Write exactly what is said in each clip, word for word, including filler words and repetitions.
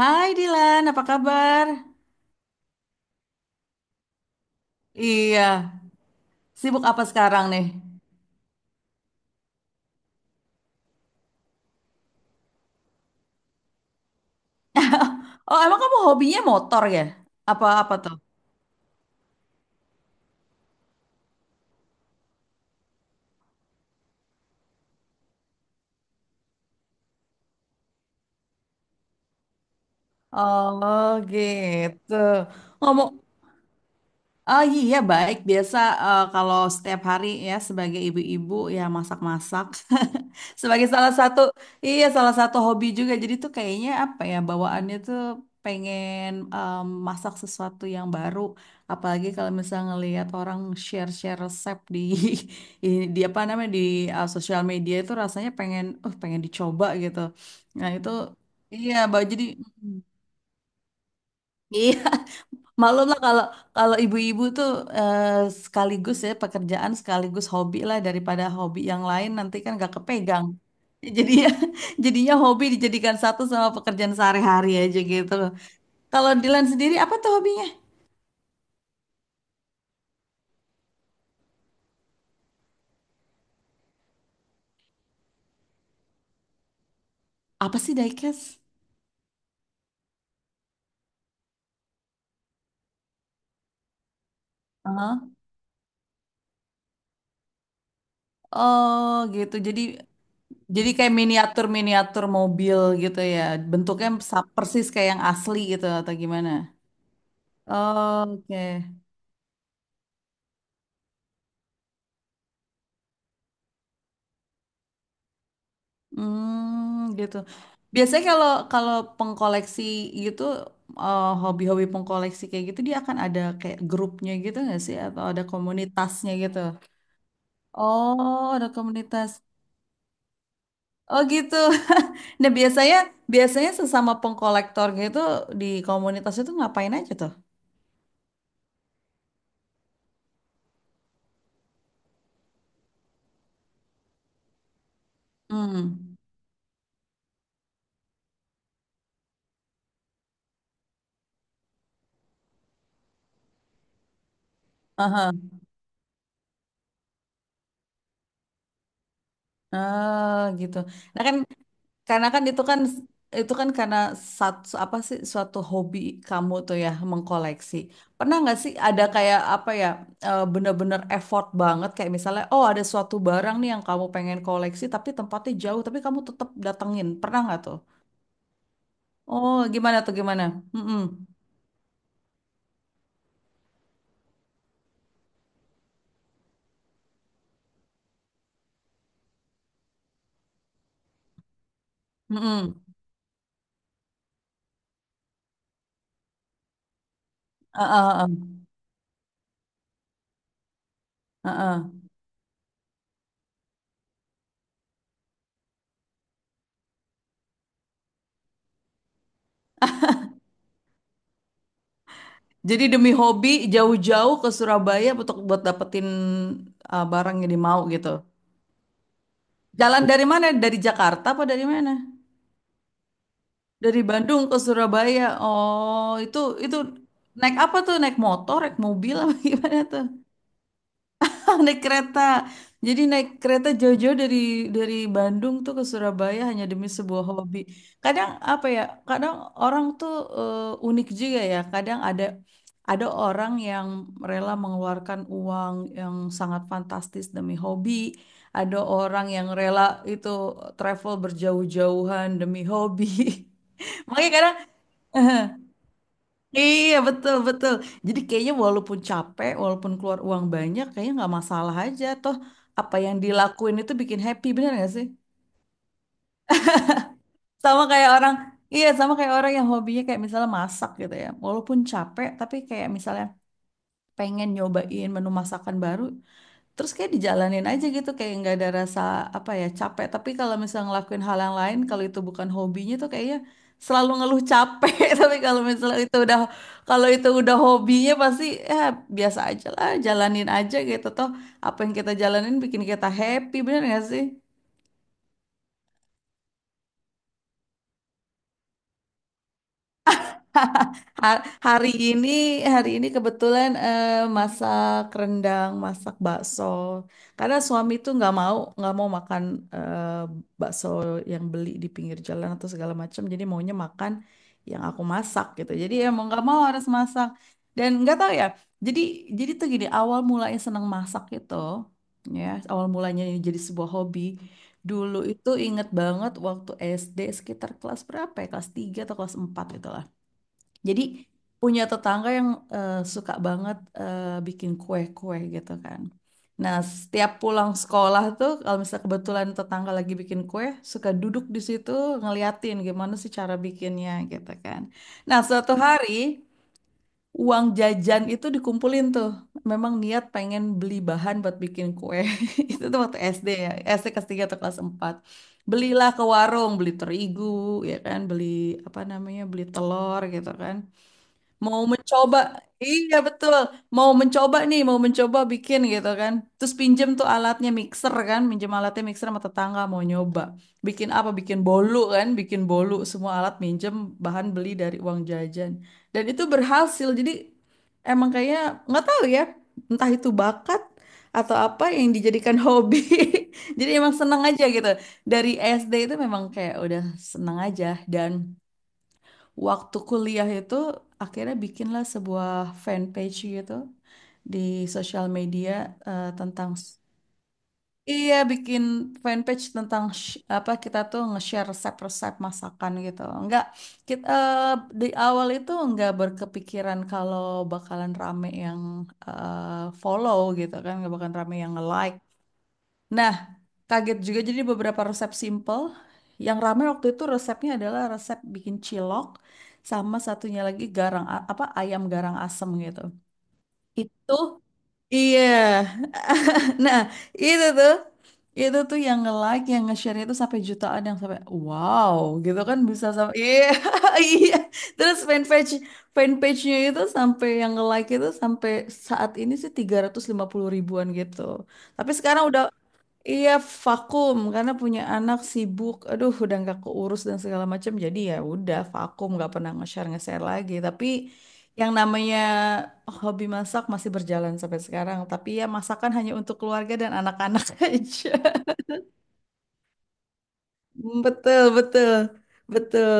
Hai Dilan, apa kabar? Iya, sibuk apa sekarang nih? Oh, emang kamu hobinya motor ya? Apa-apa tuh? Oh, gitu. Ngomong, oh iya baik biasa eh, kalau setiap hari ya sebagai ibu-ibu ya masak-masak sebagai salah satu iya salah satu hobi juga jadi tuh kayaknya apa ya bawaannya tuh pengen em, masak sesuatu yang baru apalagi kalau misalnya ngelihat orang share-share resep di i- di apa namanya di eh, sosial media itu rasanya pengen uh pengen dicoba gitu nah itu iya bawa jadi mm, iya, maklum lah kalau kalau ibu-ibu tuh eh, sekaligus ya pekerjaan sekaligus hobi lah daripada hobi yang lain nanti kan gak kepegang. Jadi ya jadinya hobi dijadikan satu sama pekerjaan sehari-hari aja gitu. Kalau Dilan sendiri apa tuh hobinya? Apa sih diecast? Heeh. Oh gitu. Jadi jadi kayak miniatur miniatur mobil gitu ya. Bentuknya sa- persis kayak yang asli gitu atau gimana? Oh, oke. Hmm, gitu. Biasanya kalau kalau pengkoleksi gitu eh, hobi-hobi pengkoleksi kayak gitu dia akan ada kayak grupnya gitu nggak sih atau ada komunitasnya gitu? Oh, ada komunitas. Oh gitu. Nah biasanya biasanya sesama pengkolektor gitu di komunitas itu ngapain aja tuh? Hmm. Aha. Ah, gitu. Nah kan, karena kan itu kan itu kan karena satu apa sih suatu hobi kamu tuh ya mengkoleksi. Pernah nggak sih ada kayak apa ya eh, bener-bener effort banget kayak misalnya oh ada suatu barang nih yang kamu pengen koleksi tapi tempatnya jauh tapi kamu tetap datengin. Pernah nggak tuh? Oh gimana tuh gimana? Mm-mm. Mm-mm. Heeh, heeh. Heeh. Jadi demi hobi jauh-jauh ke Surabaya untuk buat dapetin eh, barang yang dimau gitu. Jalan dari mana? Dari Jakarta apa dari mana? Dari Bandung ke Surabaya. Oh, itu itu naik apa tuh? Naik motor, naik mobil apa gimana tuh? Naik kereta. Jadi naik kereta jauh-jauh dari dari Bandung tuh ke Surabaya hanya demi sebuah hobi. Kadang apa ya? Kadang orang tuh eh, unik juga ya. Kadang ada ada orang yang rela mengeluarkan uang yang sangat fantastis demi hobi. Ada orang yang rela itu travel berjauh-jauhan demi hobi. Makanya kadang iya betul betul. Jadi kayaknya walaupun capek, walaupun keluar uang banyak, kayaknya nggak masalah aja. Toh apa yang dilakuin itu bikin happy, bener nggak sih? Sama kayak orang, iya sama kayak orang yang hobinya kayak misalnya masak gitu ya. Walaupun capek, tapi kayak misalnya pengen nyobain menu masakan baru terus kayak dijalanin aja gitu kayak nggak ada rasa apa ya capek tapi kalau misalnya ngelakuin hal yang lain kalau itu bukan hobinya tuh kayaknya selalu ngeluh capek tapi kalau misalnya itu udah kalau itu udah hobinya pasti ya biasa aja lah jalanin aja gitu toh apa yang kita jalanin bikin kita happy bener nggak sih. Ha- Hari ini, hari ini kebetulan eh, masak rendang, masak bakso. Karena suami tuh nggak mau, nggak mau makan eh, bakso yang beli di pinggir jalan atau segala macam. Jadi maunya makan yang aku masak gitu. Jadi ya mau nggak mau harus masak. Dan nggak tahu ya. Jadi, jadi tuh gini, awal mulanya senang masak itu, ya, awal mulanya ini jadi sebuah hobi. Dulu itu inget banget waktu S D sekitar kelas berapa ya? Kelas tiga atau kelas empat gitu jadi punya tetangga yang eh, suka banget eh, bikin kue-kue gitu kan. Nah, setiap pulang sekolah tuh kalau misalnya kebetulan tetangga lagi bikin kue, suka duduk di situ ngeliatin gimana sih cara bikinnya gitu kan. Nah, suatu hari uang jajan itu dikumpulin tuh. Memang niat pengen beli bahan buat bikin kue. Itu tuh waktu S D ya, S D kelas tiga atau kelas empat. Belilah ke warung, beli terigu, ya kan, beli apa namanya, beli telur gitu kan mau mencoba iya betul mau mencoba nih mau mencoba bikin gitu kan terus pinjem tuh alatnya mixer kan pinjem alatnya mixer sama tetangga mau nyoba bikin apa bikin bolu kan bikin bolu semua alat minjem bahan beli dari uang jajan dan itu berhasil jadi emang kayaknya nggak tahu ya entah itu bakat atau apa yang dijadikan hobi jadi emang seneng aja gitu dari S D itu memang kayak udah seneng aja dan waktu kuliah itu akhirnya bikinlah sebuah fanpage gitu di sosial media eh, tentang iya bikin fanpage tentang sh- apa kita tuh nge-share resep-resep masakan gitu. Enggak kita eh, di awal itu enggak berkepikiran kalau bakalan rame yang eh, follow gitu kan, enggak bakalan rame yang nge-like. Nah, kaget juga jadi beberapa resep simple. Yang rame waktu itu resepnya adalah resep bikin cilok sama satunya lagi garang a- apa ayam garang asem gitu. Itu iya. Nah, itu tuh itu tuh yang nge-like, yang nge-share itu sampai jutaan yang sampai wow gitu kan bisa sampai iya iya. Terus fanpage fanpage-nya itu sampai yang nge-like itu sampai saat ini sih tiga ratus lima puluh ribuan gitu. Tapi sekarang udah, iya, vakum karena punya anak sibuk, aduh udah nggak keurus dan segala macam. Jadi ya udah vakum nggak pernah nge-share nge-share lagi. Tapi yang namanya hobi masak masih berjalan sampai sekarang. Tapi ya masakan hanya untuk keluarga dan anak-anak aja. Betul betul betul.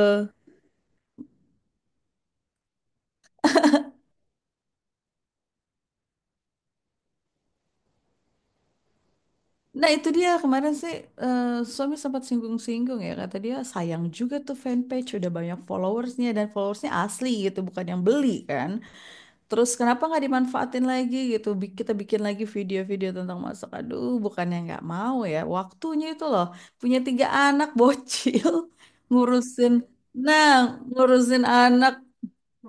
Nah itu dia kemarin sih eh, suami sempat singgung-singgung ya kata dia sayang juga tuh fanpage udah banyak followersnya dan followersnya asli gitu bukan yang beli kan. Terus kenapa nggak dimanfaatin lagi gitu? Bi- Kita bikin lagi video-video tentang masak. Aduh, bukannya nggak mau ya. Waktunya itu loh. Punya tiga anak bocil. Ngurusin. Nah, ngurusin anak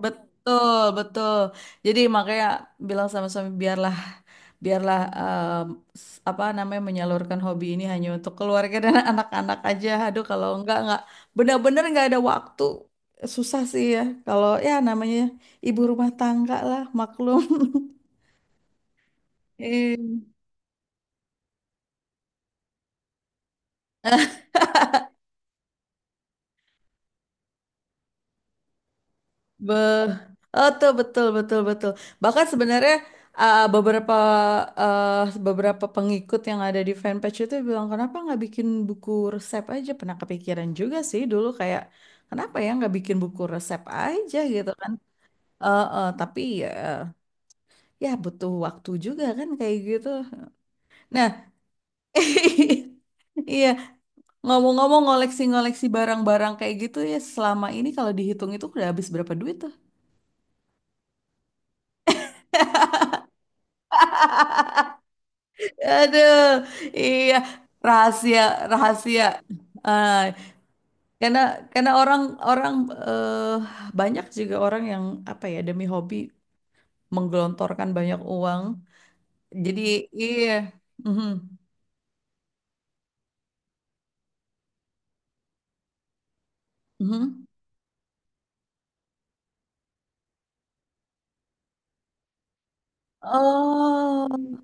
betul, betul. Jadi makanya bilang sama suami biarlah biarlah em, s- apa namanya menyalurkan hobi ini hanya untuk keluarga dan anak-anak aja. Aduh, kalau enggak enggak benar-benar enggak ada waktu. Susah sih ya kalau ya namanya ibu rumah tangga lah, maklum. Iya. Be oh tuh betul betul betul. Bahkan sebenarnya uh, beberapa uh, beberapa pengikut yang ada di fanpage itu bilang kenapa nggak bikin buku resep aja? Pernah kepikiran juga sih dulu kayak kenapa ya nggak bikin buku resep aja gitu kan? Eh, eh, tapi ya ya butuh waktu juga kan kayak gitu. Nah, iya ngomong-ngomong ngoleksi-ngoleksi barang-barang kayak gitu ya selama ini kalau dihitung itu udah habis berapa duit tuh? Aduh, iya rahasia rahasia. Ah, karena karena orang orang eh, banyak juga orang yang apa ya demi hobi menggelontorkan banyak uang. Jadi iya. Mhm, mhm. Oh,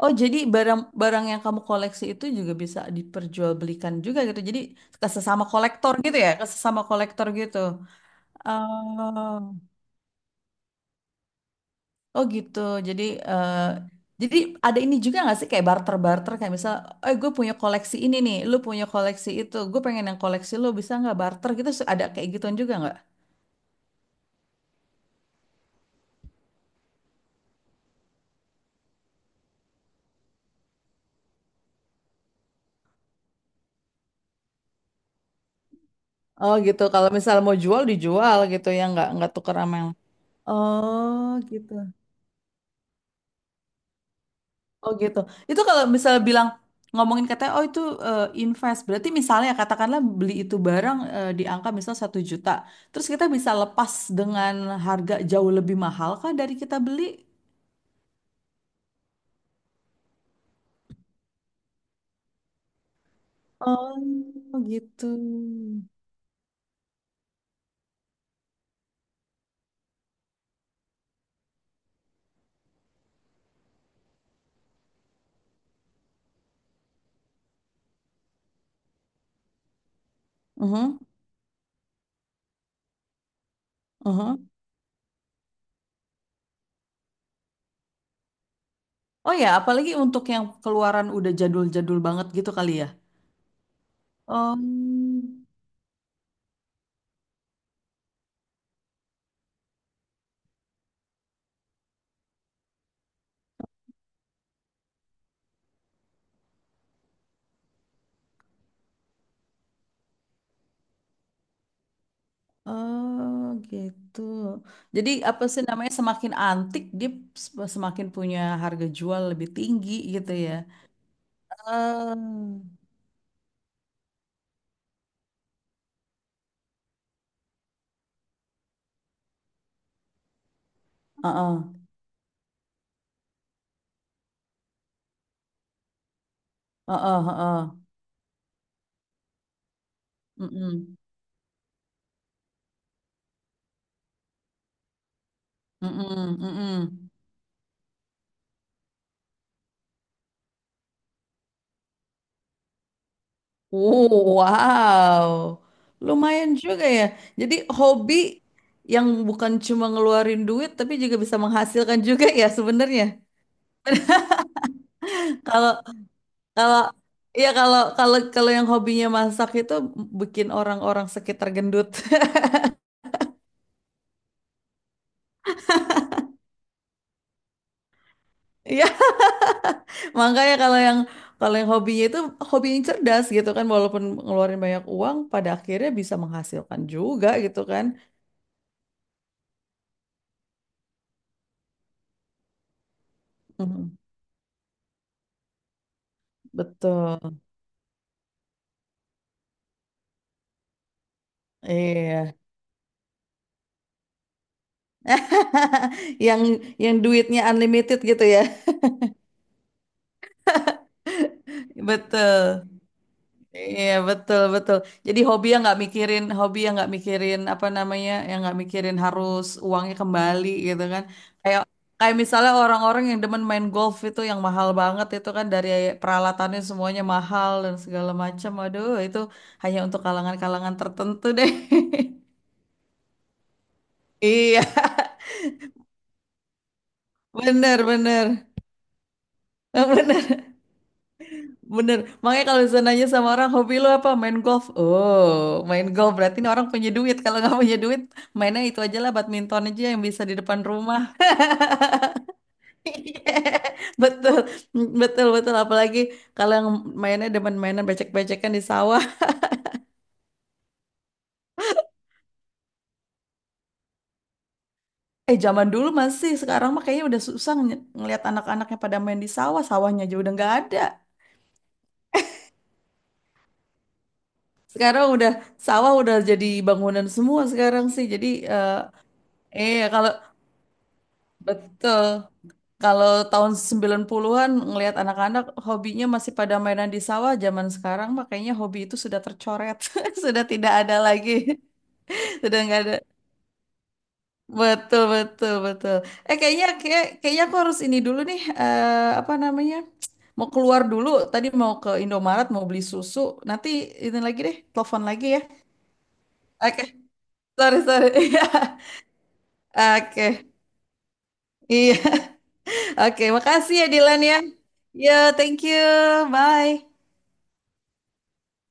oh jadi barang-barang yang kamu koleksi itu juga bisa diperjualbelikan juga gitu. Jadi ke sesama kolektor gitu ya, ke sesama kolektor gitu. Oh. Oh gitu. Jadi eh, jadi ada ini juga nggak sih kayak barter-barter kayak misal, eh gue punya koleksi ini nih, lu punya koleksi itu, gue pengen yang koleksi lu bisa nggak barter gitu? Su- Ada kayak gituan juga nggak? Oh gitu, kalau misal mau jual dijual gitu ya nggak nggak tuker sama yang oh gitu. Oh gitu. Itu kalau misal bilang ngomongin katanya, oh itu eh, invest, berarti misalnya katakanlah beli itu barang eh, di angka misal satu juta, terus kita bisa lepas dengan harga jauh lebih mahal kah dari kita beli? Oh gitu. Mhm, mhm. Oh ya, apalagi untuk yang keluaran udah jadul-jadul banget gitu kali ya. Oh, oh gitu. Jadi apa sih namanya semakin antik dia s- semakin punya harga jual lebih tinggi gitu ya. Ah. Heeh, heeh, heeh. Mm-mm, mm-mm, mm-mm. Oh, wow. Lumayan juga ya. Jadi hobi yang bukan cuma ngeluarin duit tapi juga bisa menghasilkan juga ya sebenarnya. Kalau kalau ya kalau kalau kalau yang hobinya masak itu bikin orang-orang sekitar gendut. Iya, makanya kalau yang kalau yang hobinya itu hobi yang cerdas gitu kan walaupun ngeluarin banyak uang pada akhirnya bisa menghasilkan juga gitu kan. Mhm, betul. Iya. Yang yang duitnya unlimited gitu ya. Betul. Iya, betul, betul. Jadi hobi yang nggak mikirin, hobi yang nggak mikirin apa namanya, yang nggak mikirin harus uangnya kembali gitu kan. Kayak kayak misalnya orang-orang yang demen main golf itu yang mahal banget itu kan dari peralatannya semuanya mahal dan segala macam. Aduh, itu hanya untuk kalangan-kalangan tertentu deh. Iya, bener, bener. Bener. Bener, makanya kalau bisa nanya sama orang hobi lu apa main golf. Oh, main golf berarti ini orang punya duit. Kalau nggak punya duit, mainnya itu aja lah badminton aja yang bisa di depan rumah. Betul, betul, betul. Apalagi kalau yang mainnya demen mainan becek-becekan di sawah. Eh, zaman dulu masih, sekarang mah kayaknya udah susah ng- ngelihat anak-anaknya pada main di sawah. Sawahnya aja udah nggak ada. Sekarang udah sawah udah jadi bangunan semua sekarang sih. Jadi eh iya, kalau betul. Kalau tahun sembilan puluh-an ngelihat anak-anak hobinya masih pada mainan di sawah, zaman sekarang makanya hobi itu sudah tercoret, sudah tidak ada lagi. Sudah nggak ada. Betul, betul, betul. Eh kayaknya kayak, kayaknya aku harus ini dulu nih eh, apa namanya? Mau keluar dulu, tadi mau ke Indomaret mau beli susu. Nanti ini lagi deh, telepon lagi ya. Oke. Sorry, sorry. Iya. Oke. Iya. Oke, makasih ya Dilan ya. Ya, thank you. Bye.